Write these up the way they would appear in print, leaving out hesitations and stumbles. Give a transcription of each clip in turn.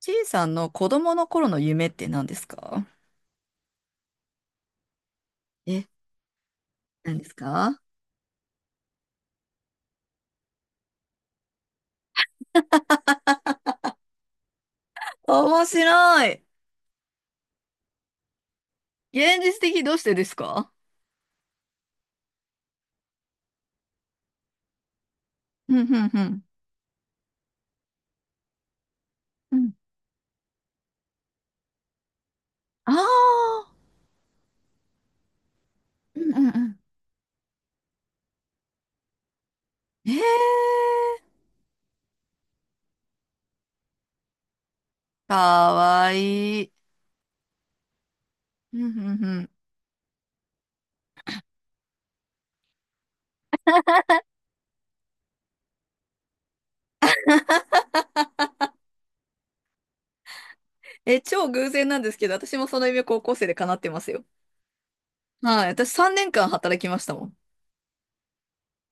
ちいさんの子供の頃の夢って何ですか？え、何ですか？面白い。現実的どうしてですか？うん、うん、うん。うん、ああーうん、うん、うん。へえー、かわいい。うん、うん、うん。え、超偶然なんですけど、私もその夢高校生で叶ってますよ。はい、私3年間働きましたもん。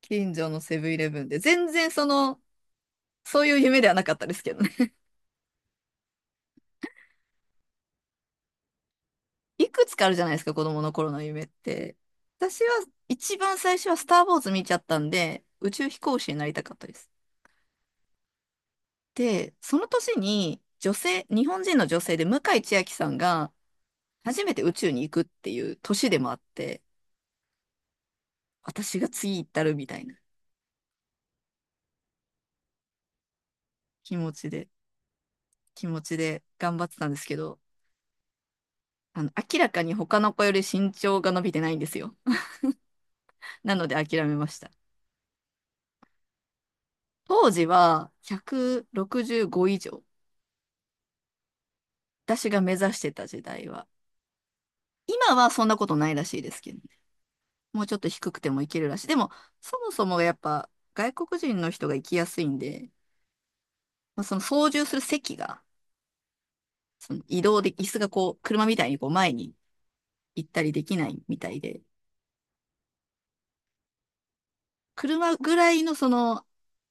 近所のセブンイレブンで。全然その、そういう夢ではなかったですけどね。いくつかあるじゃないですか、子供の頃の夢って。私は一番最初はスター・ウォーズ見ちゃったんで、宇宙飛行士になりたかったです。で、その年に女性、日本人の女性で向井千秋さんが初めて宇宙に行くっていう年でもあって、私が次行ったるみたいな気持ちで、気持ちで頑張ってたんですけど、明らかに他の子より身長が伸びてないんですよ。なので諦めました。当時は165以上。私が目指してた時代は。今はそんなことないらしいですけどね。もうちょっと低くてもいけるらしい。でも、そもそもやっぱ外国人の人が行きやすいんで、まあ、その操縦する席が、その移動で、椅子がこう、車みたいにこう前に行ったりできないみたいで、車ぐらいのその、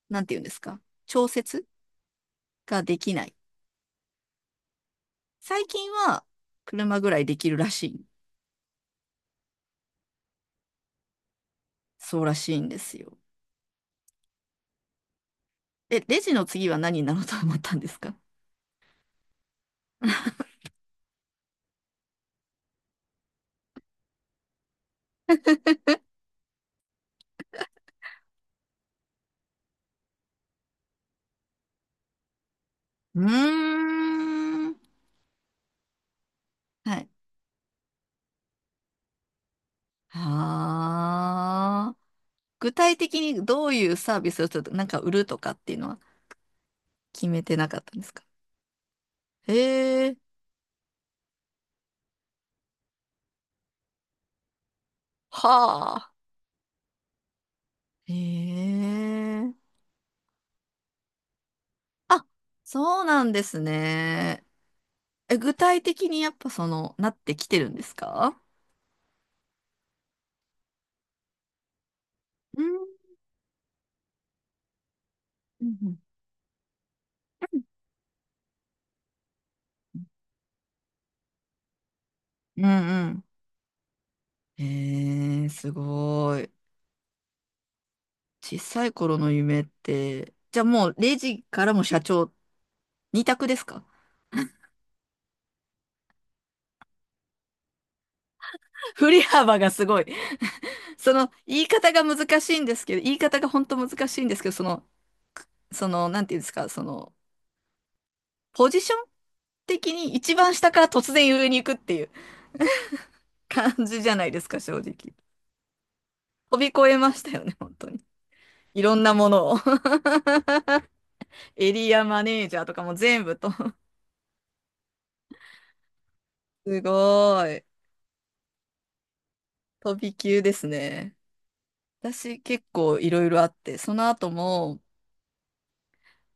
なんていうんですか、調節ができない。最近は車ぐらいできるらしい。そうらしいんですよ。え、レジの次は何になろうと思ったんですか？ うーん。はい。はあ。具体的にどういうサービスをちょっとなんか売るとかっていうのは決めてなかったんですか？へえ、はあ。へえ。あ、そうなんですね。え、具体的にやっぱその、なってきてるんですか？うんうんうんうんうん。へえ、すごい。小さい頃の夢って、じゃあもうレジからも社長、二択ですか？ 振り幅がすごい。その言い方が難しいんですけど、言い方が本当難しいんですけど、その、なんていうんですか、その、ポジション的に一番下から突然上に行くっていう感じじゃないですか、正直。飛び越えましたよね、本当に。いろんなものを。エリアマネージャーとかも全部と。すごい。飛び級ですね。私結構いろいろあって、その後も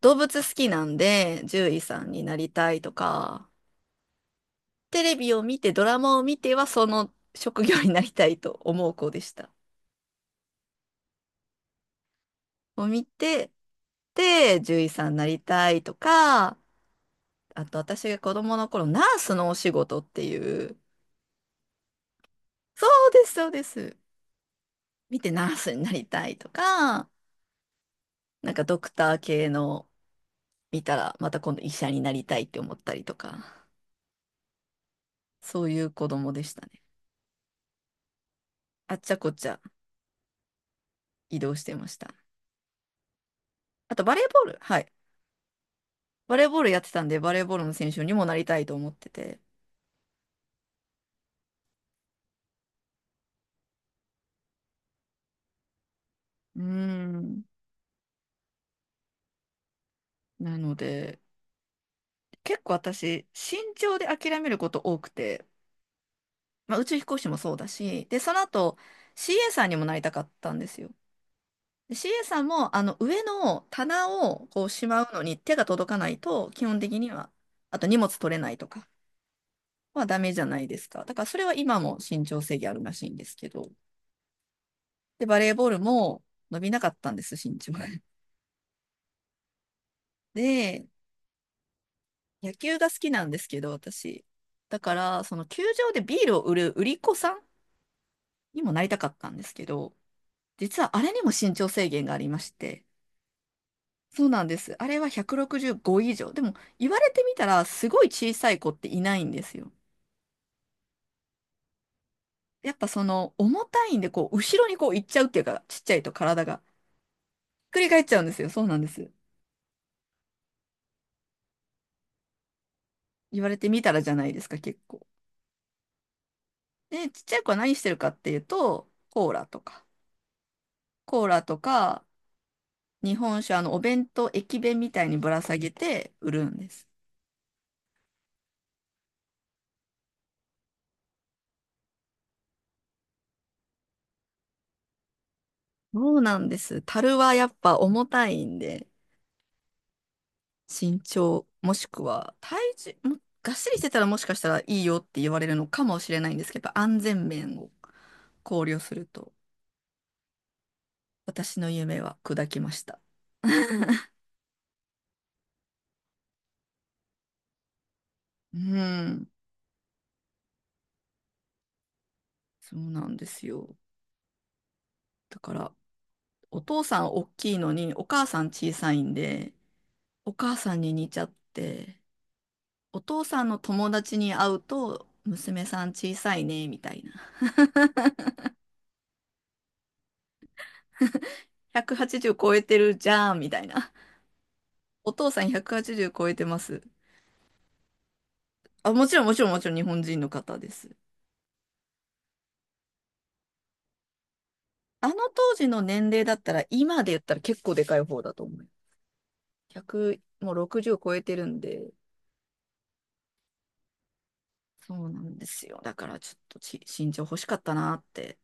動物好きなんで獣医さんになりたいとか、テレビを見て、ドラマを見ては、その職業になりたいと思う子でした。を見て、で、獣医さんになりたいとか、あと私が子供の頃、ナースのお仕事っていう、そうです、そうです。見てナースになりたいとか、なんかドクター系の見たら、また今度医者になりたいって思ったりとか、そういう子供でしたね。あっちゃこっちゃ移動してました。あとバレーボール、はい。バレーボールやってたんで、バレーボールの選手にもなりたいと思ってて。うーん。なので、結構私、慎重で諦めること多くて、まあ、宇宙飛行士もそうだし、で、その後、CA さんにもなりたかったんですよ。で CA さんも、上の棚をこうしまうのに手が届かないと、基本的には、あと荷物取れないとかはダメじゃないですか。だからそれは今も身長制限あるらしいんですけど。で、バレーボールも伸びなかったんです、身長が。で、野球が好きなんですけど、私。だから、その球場でビールを売る売り子さんにもなりたかったんですけど、実はあれにも身長制限がありまして、そうなんです。あれは165以上。でも、言われてみたら、すごい小さい子っていないんですよ。やっぱその、重たいんで、こう、後ろにこう、行っちゃうっていうか、ちっちゃいと体が。ひっくり返っちゃうんですよ。そうなんです。言われてみたらじゃないですか、結構。で、ちっちゃい子は何してるかっていうと、コーラとか、日本酒、お弁当、駅弁みたいにぶら下げて売るんです。そうなんです。樽はやっぱ重たいんで、身長、もしくは体重、もがっしりしてたらもしかしたらいいよって言われるのかもしれないんですけど、やっぱ安全面を考慮すると、私の夢は砕きました。うん、そうなんですよ。だから、お父さん大きいのに、お母さん小さいんで、お母さんに似ちゃって、お父さんの友達に会うと、娘さん小さいね、みたいな。180超えてるじゃん、みたいな。お父さん180超えてます。あ、もちろんもちろんもちろん日本人の方です。あの当時の年齢だったら、今で言ったら結構でかい方だと思う。100、もう60超えてるんで、そうなんですよ。だからちょっと身長欲しかったなって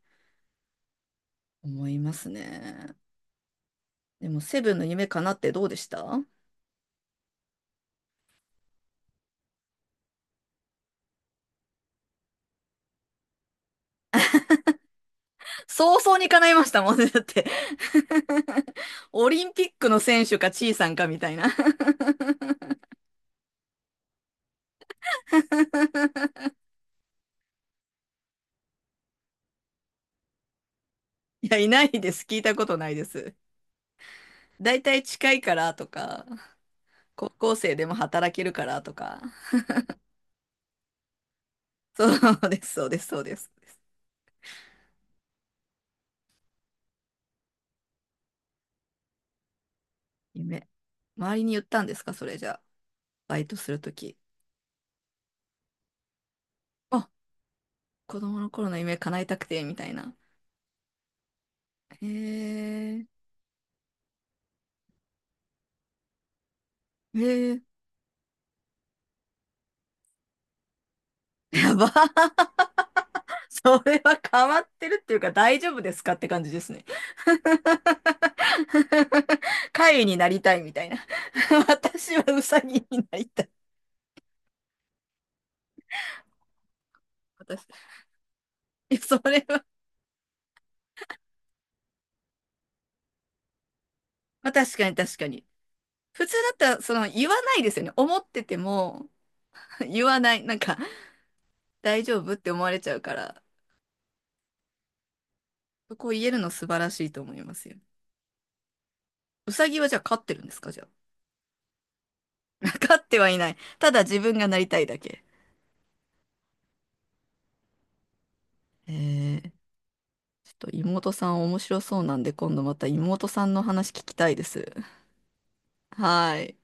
思いますね。でも、セブンの夢かなってどうでした？早々に叶いましたもんね。だって オリンピックの選手か、チーさんかみたいな。 いや、いないです。聞いたことないです。だいたい近いからとか、高校生でも働けるからとか。そうです、そうです、そうです。そうです夢。周りに言ったんですか、それじゃあ。バイトするとき。あ、子供の頃の夢叶えたくて、みたいな。へえ、へえ、やば。それは変わってるっていうか大丈夫ですかって感じですね。貝になりたいみたいな。私はウサギになりたい。私、いやそれは、まあ、確かに確かに。普通だったら、その、言わないですよね。思ってても、言わない。なんか、大丈夫って思われちゃうから、そこを言えるの素晴らしいと思いますよ。ウサギはじゃあ飼ってるんですかじゃあ。飼ってはいない。ただ自分がなりたいだけ。へえ、ちょっと妹さん面白そうなんで、今度また妹さんの話聞きたいです。はい。